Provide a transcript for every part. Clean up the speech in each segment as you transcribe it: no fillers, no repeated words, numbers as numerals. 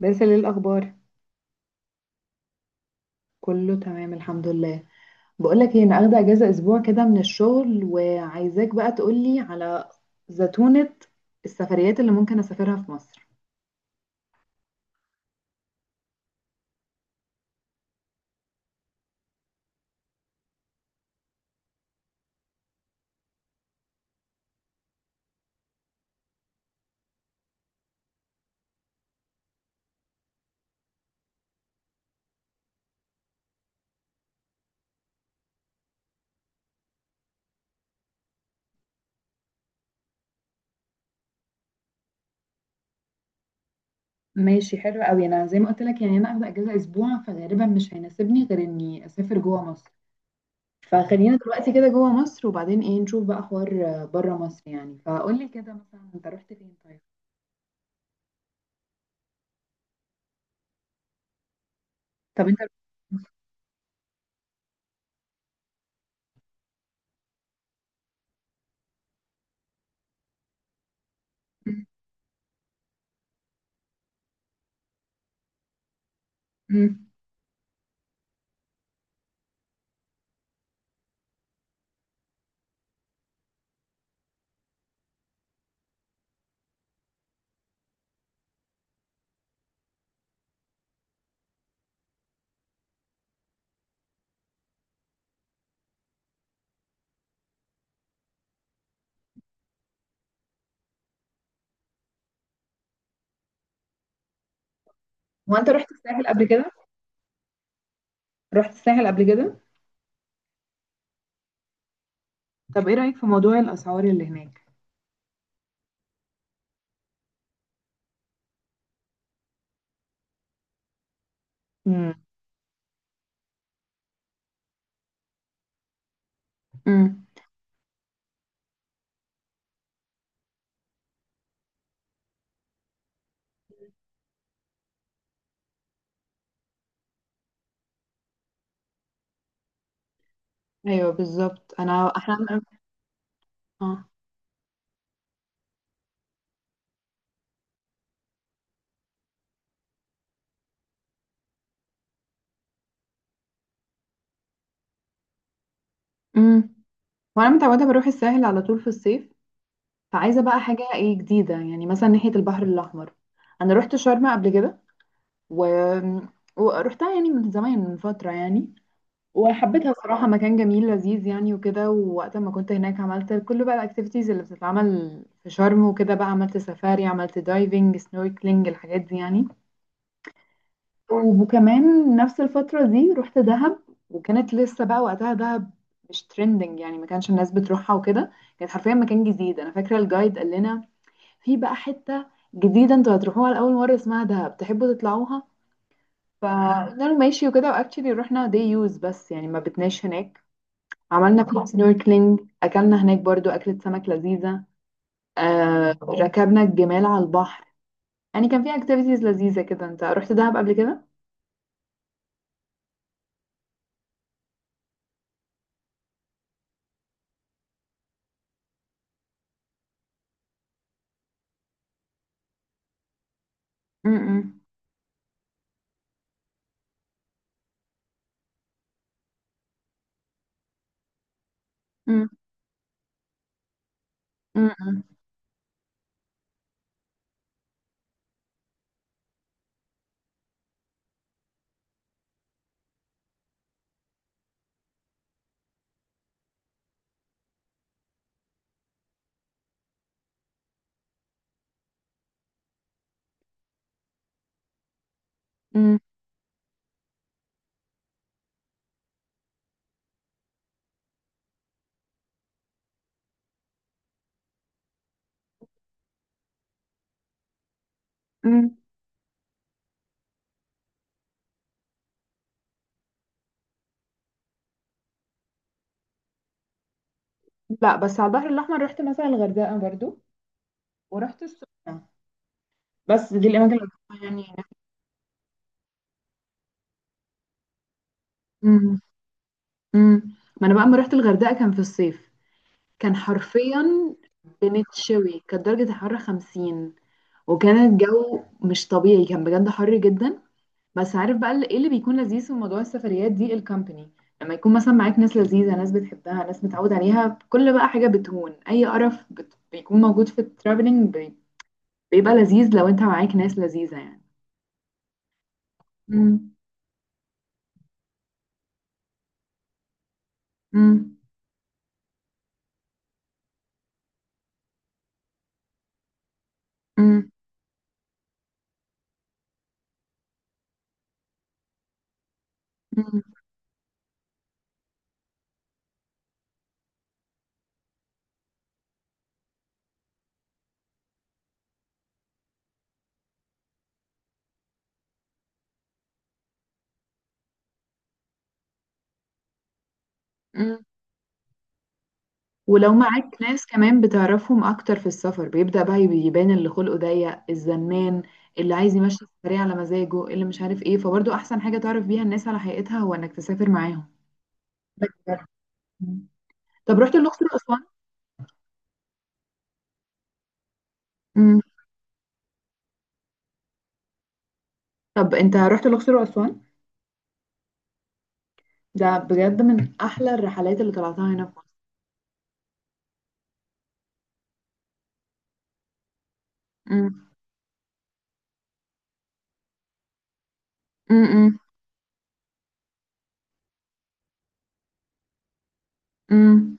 بس ايه الاخبار؟ كله تمام الحمد لله. بقولك ايه، انا اخده اجازه اسبوع كده من الشغل، وعايزاك بقى تقولي على زتونه السفريات اللي ممكن اسافرها في مصر. ماشي، حلو قوي. انا زي ما قلت لك يعني انا اخده اجازه اسبوع، فغالبا مش هيناسبني غير اني اسافر جوه مصر. فخلينا دلوقتي كده جوه مصر، وبعدين ايه نشوف بقى حوار بره مصر يعني. فقولي كده مثلا، انت رحت فين؟ طيب. طب انت مم. هو انت رحت الساحل قبل كده؟ رحت الساحل قبل كده؟ طب ايه رايك في موضوع الاسعار اللي هناك؟ امم امم ايوه بالظبط، انا احنا. اه. امم وانا متعوده بروح الساحل على طول في الصيف، فعايزه بقى حاجه ايه جديده، يعني مثلا ناحيه البحر الاحمر. انا رحت شرم قبل كده و... ورحتها يعني من زمان، من فتره يعني. وحبيتها صراحه، مكان جميل لذيذ يعني، وكده. ووقت ما كنت هناك عملت كل بقى الاكتيفيتيز اللي بتتعمل في شرم وكده. بقى عملت سفاري، عملت دايفنج، سنوركلينج، الحاجات دي يعني. وكمان نفس الفترة دي رحت دهب. وكانت لسه بقى وقتها دهب مش ترندنج يعني، ما كانش الناس بتروحها وكده. كانت حرفيا مكان جديد. انا فاكرة الجايد قال لنا في بقى حتة جديدة انتوا هتروحوها لأول مرة اسمها دهب، تحبوا تطلعوها؟ فقلنا له ماشي وكده، واكشلي رحنا. دي يوز بس يعني، ما بتناش هناك. عملنا فيها سنوركلينج، اكلنا هناك برضو أكلة سمك لذيذة. ركبنا الجمال على البحر. يعني كان في اكتيفيتيز لذيذة كده. انت رحت دهب قبل كده؟ م- م- م- م- م. مم. لا، بس على البحر الأحمر رحت مثلا الغردقة برضو، ورحت السخنة. بس دي الأماكن اللي رحتها يعني. مم. مم. ما أنا بقى لما رحت الغردقة كان في الصيف. كان حرفيا بنتشوي، كانت درجة الحرارة 50. وكان الجو مش طبيعي، كان بجد حر جدا. بس عارف بقى، ايه اللي بيكون لذيذ في موضوع السفريات دي؟ الكامباني. لما يكون مثلا معاك ناس لذيذة، ناس بتحبها، ناس متعود عليها، كل بقى حاجة بتهون. أي قرف بيكون موجود في الترافلينج بيبقى لذيذ لو انت معاك ناس لذيذة يعني. مم. مم. مم. مم. مم. ولو معاك ناس كمان بتعرفهم اكتر في السفر، بيبدأ بقى يبان اللي خلقه ضيق، الزنان، اللي عايز يمشي السفرية على مزاجه، اللي مش عارف ايه. فبرضه احسن حاجة تعرف بيها الناس على حقيقتها هو انك تسافر معاهم. بجد. مم. طب رحت الأقصر وأسوان؟ مم. طب انت رحت الأقصر وأسوان؟ ده بجد من احلى الرحلات اللي طلعتها هنا في مصر. مم. مم. مم. مم.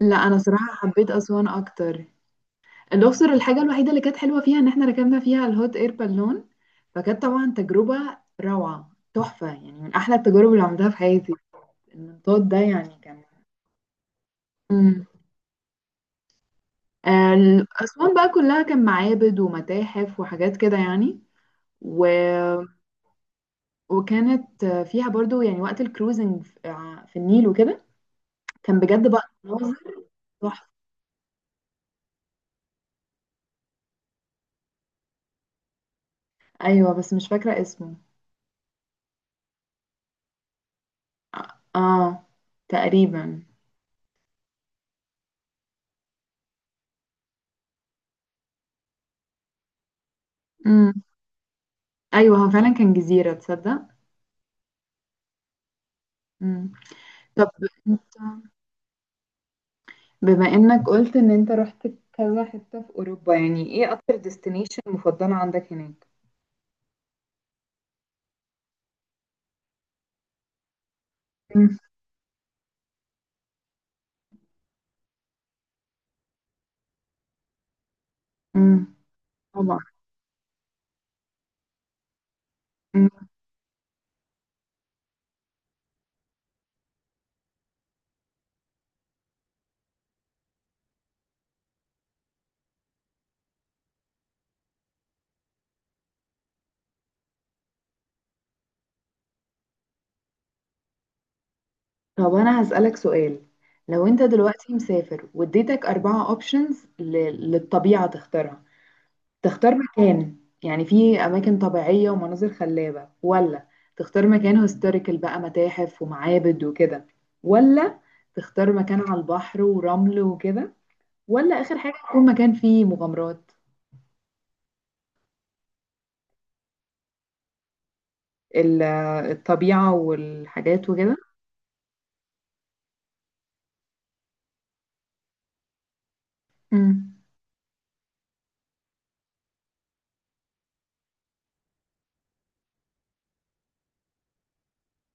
لا، انا صراحة حبيت أسوان اكتر. الأقصر، الحاجة الوحيدة اللي كانت حلوة فيها إن إحنا ركبنا فيها الهوت إير بالون. فكانت طبعا تجربة روعة، تحفة يعني، من أحلى التجارب اللي عملتها في حياتي. المنطاد ده يعني كان. مم. أسوان بقى كلها كان معابد ومتاحف وحاجات كده يعني. و... وكانت فيها برضو يعني وقت الكروزنج في في النيل وكده. كان بجد بقى مناظر تحفة. أيوة، بس مش فاكرة اسمه. آه آه، تقريبا. مم. أيوة، هو فعلا كان جزيرة، تصدق. مم. طب انت، بما انك قلت ان انت رحت كذا حتة في اوروبا، يعني ايه اكتر ديستنيشن مفضلة عندك هناك؟ مم. مم. طبعا. مم. طب انا هسألك سؤال. لو انت دلوقتي مسافر، واديتك 4 اوبشنز للطبيعة تختارها. تختار مكان، يعني في اماكن طبيعية ومناظر خلابة، ولا تختار مكان هيستوريكال بقى متاحف ومعابد وكده، ولا تختار مكان على البحر ورمل وكده، ولا آخر حاجة يكون مكان فيه مغامرات؟ ال- الطبيعة والحاجات وكده. امم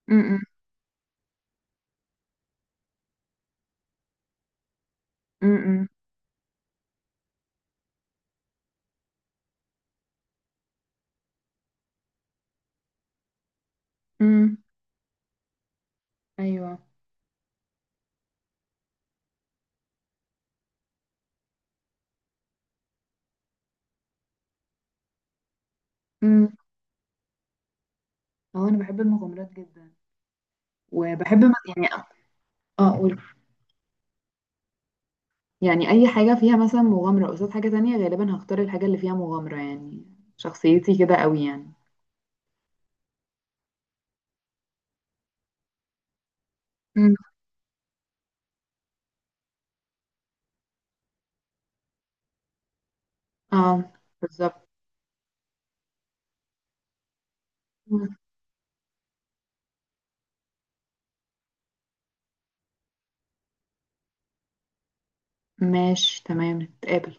امم امم امم ايوه. امم اه، انا بحب المغامرات جدا. وبحب يعني اقول يعني اي حاجة فيها مثلا مغامرة قصاد حاجة تانية، غالبا هختار الحاجة اللي فيها مغامرة يعني. شخصيتي كده قوي يعني. امم اه، بالظبط. مم. ماشي، تمام، نتقابل.